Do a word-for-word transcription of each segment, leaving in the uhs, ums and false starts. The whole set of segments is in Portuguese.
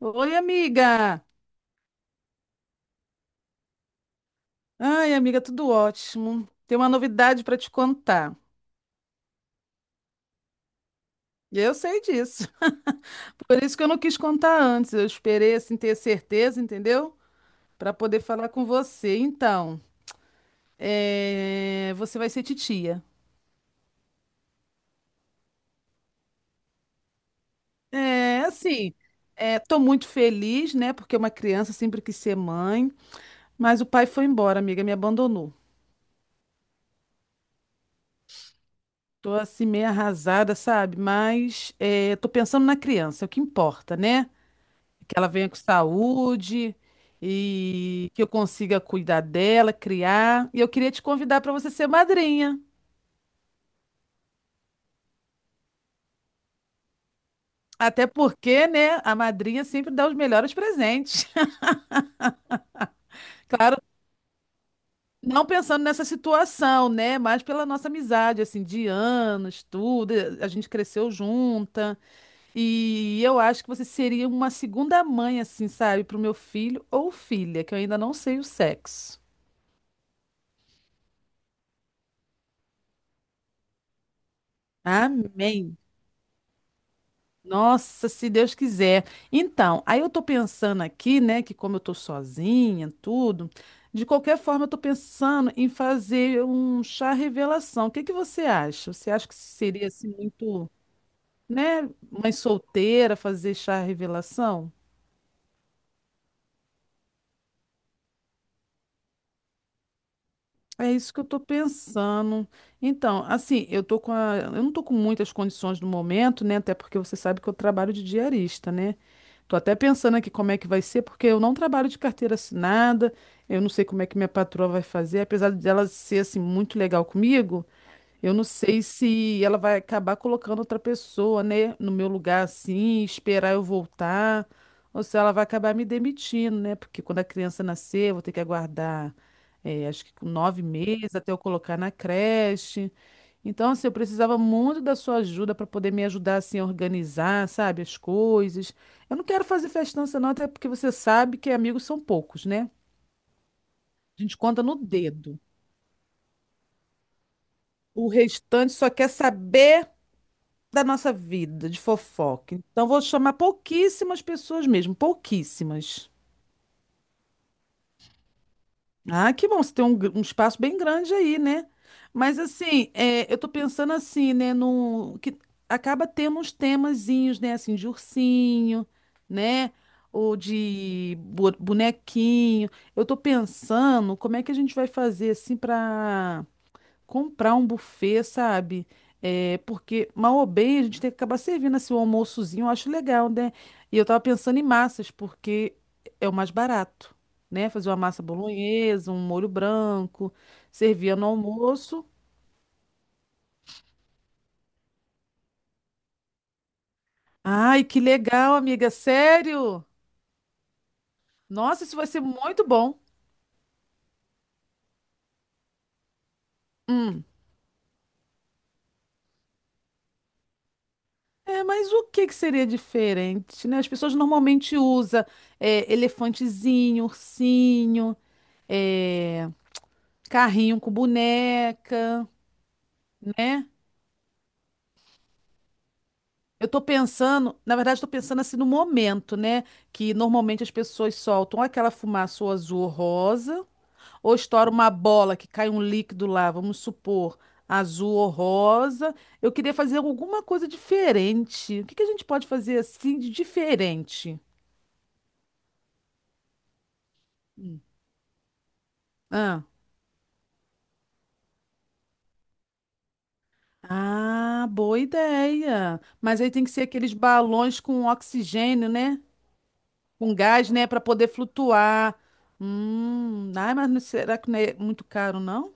Oi, amiga. Ai, amiga, tudo ótimo. Tem uma novidade para te contar. E Eu sei disso. Por isso que eu não quis contar antes. Eu esperei assim ter certeza, entendeu? Para poder falar com você. Então, é, você vai ser titia. É, assim, é, tô muito feliz, né? Porque uma criança sempre quis ser mãe, mas o pai foi embora, amiga, me abandonou. Tô assim meio arrasada, sabe? Mas é, tô pensando na criança, é o que importa, né? Que ela venha com saúde e que eu consiga cuidar dela, criar. E eu queria te convidar para você ser madrinha. Até porque, né, a madrinha sempre dá os melhores presentes. Claro, não pensando nessa situação, né, mas pela nossa amizade, assim, de anos, tudo, a gente cresceu junta. E eu acho que você seria uma segunda mãe, assim, sabe, para o meu filho ou filha, que eu ainda não sei o sexo. Amém. Nossa, se Deus quiser. Então, aí eu tô pensando aqui, né, que como eu tô sozinha, tudo, de qualquer forma eu tô pensando em fazer um chá revelação. O que que você acha? Você acha que seria assim muito, né, mãe solteira fazer chá revelação? É isso que eu tô pensando. Então, assim, eu tô com a... eu não tô com muitas condições no momento, né? Até porque você sabe que eu trabalho de diarista, né? Tô até pensando aqui como é que vai ser, porque eu não trabalho de carteira assinada, eu não sei como é que minha patroa vai fazer, apesar dela ser assim muito legal comigo, eu não sei se ela vai acabar colocando outra pessoa, né, no meu lugar assim, esperar eu voltar, ou se ela vai acabar me demitindo, né? Porque quando a criança nascer, eu vou ter que aguardar, eh, acho que com nove meses até eu colocar na creche. Então, assim, eu precisava muito da sua ajuda para poder me ajudar assim a organizar, sabe, as coisas. Eu não quero fazer festança, não, até porque você sabe que amigos são poucos, né? A gente conta no dedo. O restante só quer saber. Da nossa vida, de fofoca. Então, vou chamar pouquíssimas pessoas mesmo, pouquíssimas. Ah, que bom, você tem um, gr- um espaço bem grande aí, né? Mas, assim, é, eu tô pensando assim, né, num, que acaba tendo uns temazinhos, né, assim, de ursinho, né, ou de bu- bonequinho. Eu tô pensando como é que a gente vai fazer, assim, para comprar um buffet, sabe? É, porque, mal ou bem, a gente tem que acabar servindo assim, um almoçozinho, eu acho legal, né? E eu tava pensando em massas, porque é o mais barato, né? Fazer uma massa bolonhesa, um molho branco, servia no almoço. Ai, que legal, amiga, sério? Nossa, isso vai ser muito bom. Hum. É, mas o que que seria diferente, né? As pessoas normalmente usam é, elefantezinho, ursinho, é, carrinho com boneca, né? Eu tô pensando, na verdade, tô pensando assim no momento, né? Que normalmente as pessoas soltam aquela fumaça ou azul ou rosa, ou estoura uma bola que cai um líquido lá, vamos supor, azul ou rosa. Eu queria fazer alguma coisa diferente. O que que a gente pode fazer assim de diferente? Ah. Ah, boa ideia. Mas aí tem que ser aqueles balões com oxigênio, né? Com gás, né? Para poder flutuar. Hum, ai, mas não- será que não é muito caro, não?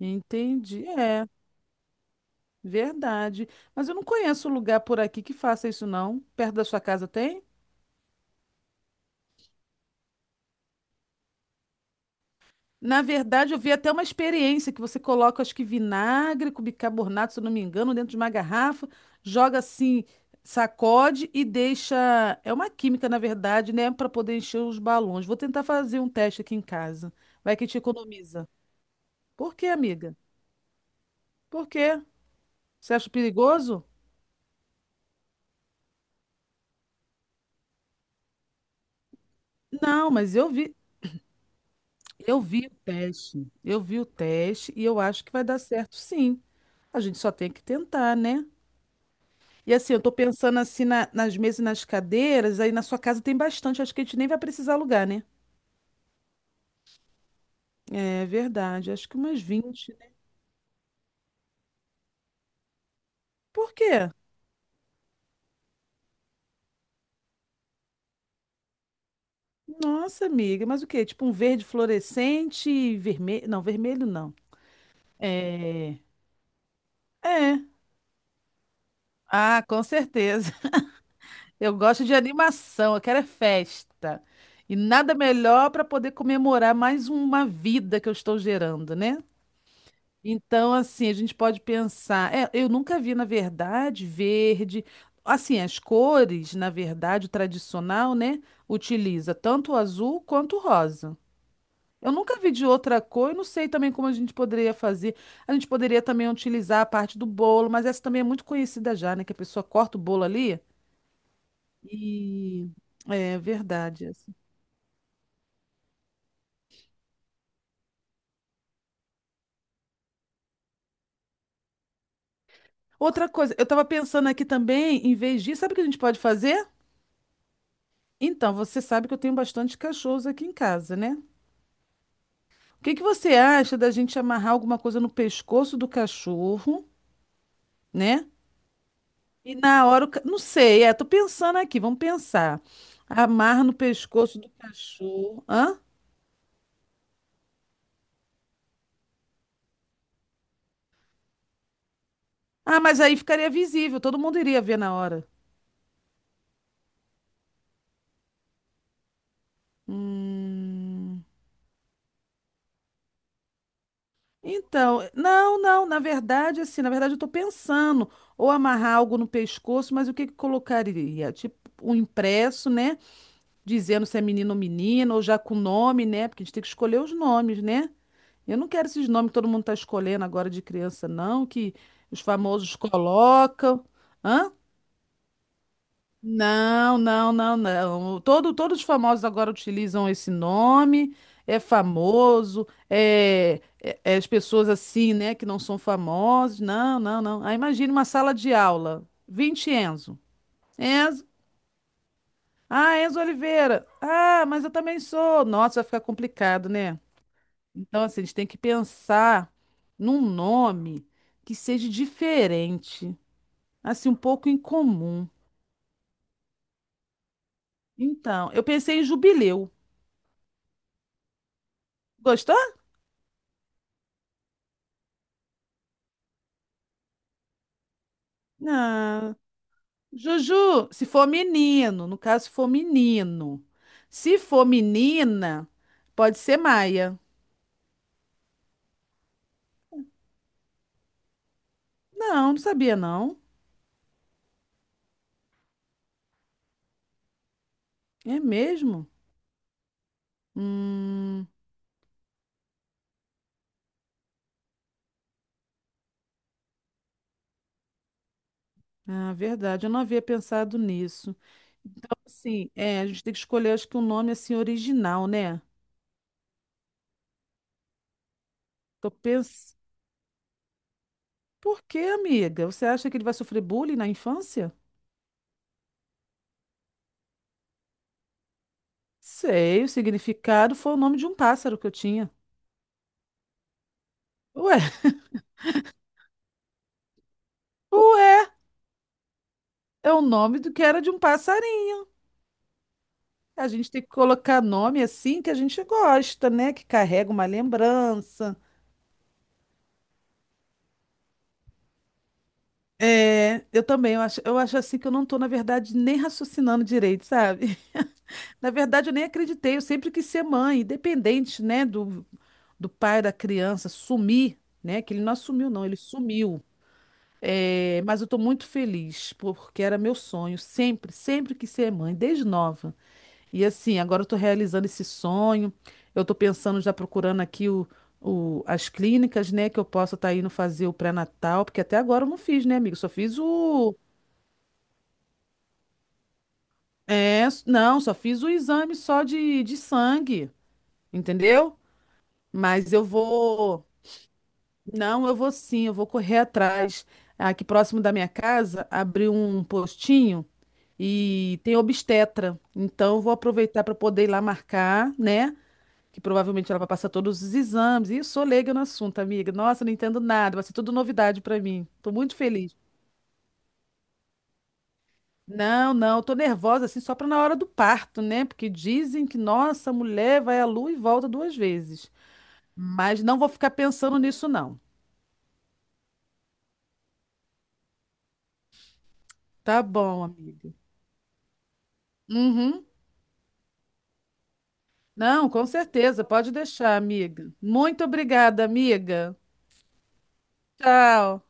Entendi. É, verdade. Mas eu não conheço lugar por aqui que faça isso, não. Perto da sua casa tem? Na verdade, eu vi até uma experiência que você coloca, acho que vinagre com bicarbonato, se eu não me engano, dentro de uma garrafa, joga assim, sacode e deixa. É uma química, na verdade, né? Para poder encher os balões. Vou tentar fazer um teste aqui em casa. Vai que te economiza. Por quê, amiga? Por quê? Você acha perigoso? Não, mas eu vi, eu vi o teste. Eu vi o teste e eu acho que vai dar certo, sim. A gente só tem que tentar, né? E assim, eu tô pensando assim na- nas mesas e nas cadeiras, aí na sua casa tem bastante, acho que a gente nem vai precisar alugar, né? É verdade, acho que umas vinte. Né? Por quê? Nossa, amiga, mas o quê? Tipo um verde fluorescente e vermelho. Não, vermelho não. É. É. Ah, com certeza. Eu gosto de animação, eu quero é festa. E nada melhor para poder comemorar mais uma vida que eu estou gerando, né? Então, assim, a gente pode pensar. É, eu nunca vi, na verdade, verde. Assim, as cores, na verdade, o tradicional, né? Utiliza tanto o azul quanto o rosa. Eu nunca vi de outra cor, eu não sei também como a gente poderia fazer. A gente poderia também utilizar a parte do bolo, mas essa também é muito conhecida já, né? Que a pessoa corta o bolo ali. E é verdade essa. Outra coisa, eu estava pensando aqui também, em vez disso, sabe o que a gente pode fazer? Então, você sabe que eu tenho bastante cachorros aqui em casa, né? O que que você acha da gente amarrar alguma coisa no pescoço do cachorro, né? E na hora, o ca- não sei, é, tô pensando aqui, vamos pensar. Amarra no pescoço do cachorro. Hã? Ah, mas aí ficaria visível, todo mundo iria ver na hora. Hum... Então, não, não, na verdade, assim, na verdade eu tô pensando ou amarrar algo no pescoço, mas o que que colocaria? Tipo, um impresso, né? Dizendo se é menino ou menina, ou já com nome, né? Porque a gente tem que escolher os nomes, né? Eu não quero esses nomes que todo mundo tá escolhendo agora de criança, não, que os famosos colocam. Hã? Não, não, não, não. Todo, todos os famosos agora utilizam esse nome, é famoso, é, é- é as pessoas assim, né, que não são famosas. Não, não, não. Aí imagine uma sala de aula, Vinte Enzo. Enzo, ah, Enzo Oliveira. Ah, mas eu também sou. Nossa, vai ficar complicado, né? Então, assim, a gente tem que pensar num nome que seja diferente, assim, um pouco incomum. Então, eu pensei em Jubileu. Gostou? Não. Juju, se for menino, no caso, se for menino. Se for menina, pode ser Maia. Não, não sabia, não. É mesmo? Hum, ah, verdade, eu não havia pensado nisso. Sim, é, a gente tem que escolher, acho que um nome assim original, né? Tô pensando. Por quê, amiga? Você acha que ele vai sofrer bullying na infância? Sei, o significado foi o nome de um pássaro que eu tinha. Ué, ué, é o nome do que era de um passarinho. A gente tem que colocar nome assim que a gente gosta, né? Que carrega uma lembrança. É, eu também, eu acho, eu acho assim que eu não tô, na verdade, nem raciocinando direito, sabe? Na verdade, eu nem acreditei, eu sempre quis ser mãe, independente, né, do, do, pai da criança sumir, né? Que ele não assumiu, não, ele sumiu. É, mas eu tô muito feliz, porque era meu sonho, sempre, sempre quis ser mãe, desde nova. E assim, agora eu tô realizando esse sonho. Eu tô pensando já procurando aqui o, o- as clínicas, né, que eu possa estar indo fazer o pré-natal, porque até agora eu não fiz, né, amigo? Só fiz o é, s- não, só fiz o exame só de, de sangue, entendeu? Mas eu vou, não, eu vou sim, eu vou correr atrás. Aqui próximo da minha casa, abri um postinho e tem obstetra. Então eu vou aproveitar para poder ir lá marcar, né? Que provavelmente ela vai passar todos os exames. E eu sou leiga no assunto, amiga. Nossa, não entendo nada, vai ser tudo novidade para mim. Tô muito feliz. Não, não, tô nervosa assim só para na hora do parto, né? Porque dizem que nossa, a mulher vai à lua e volta duas vezes. Mas não vou ficar pensando nisso, não. Tá bom, amiga. Uhum. Não, com certeza, pode deixar, amiga. Muito obrigada, amiga. Tchau.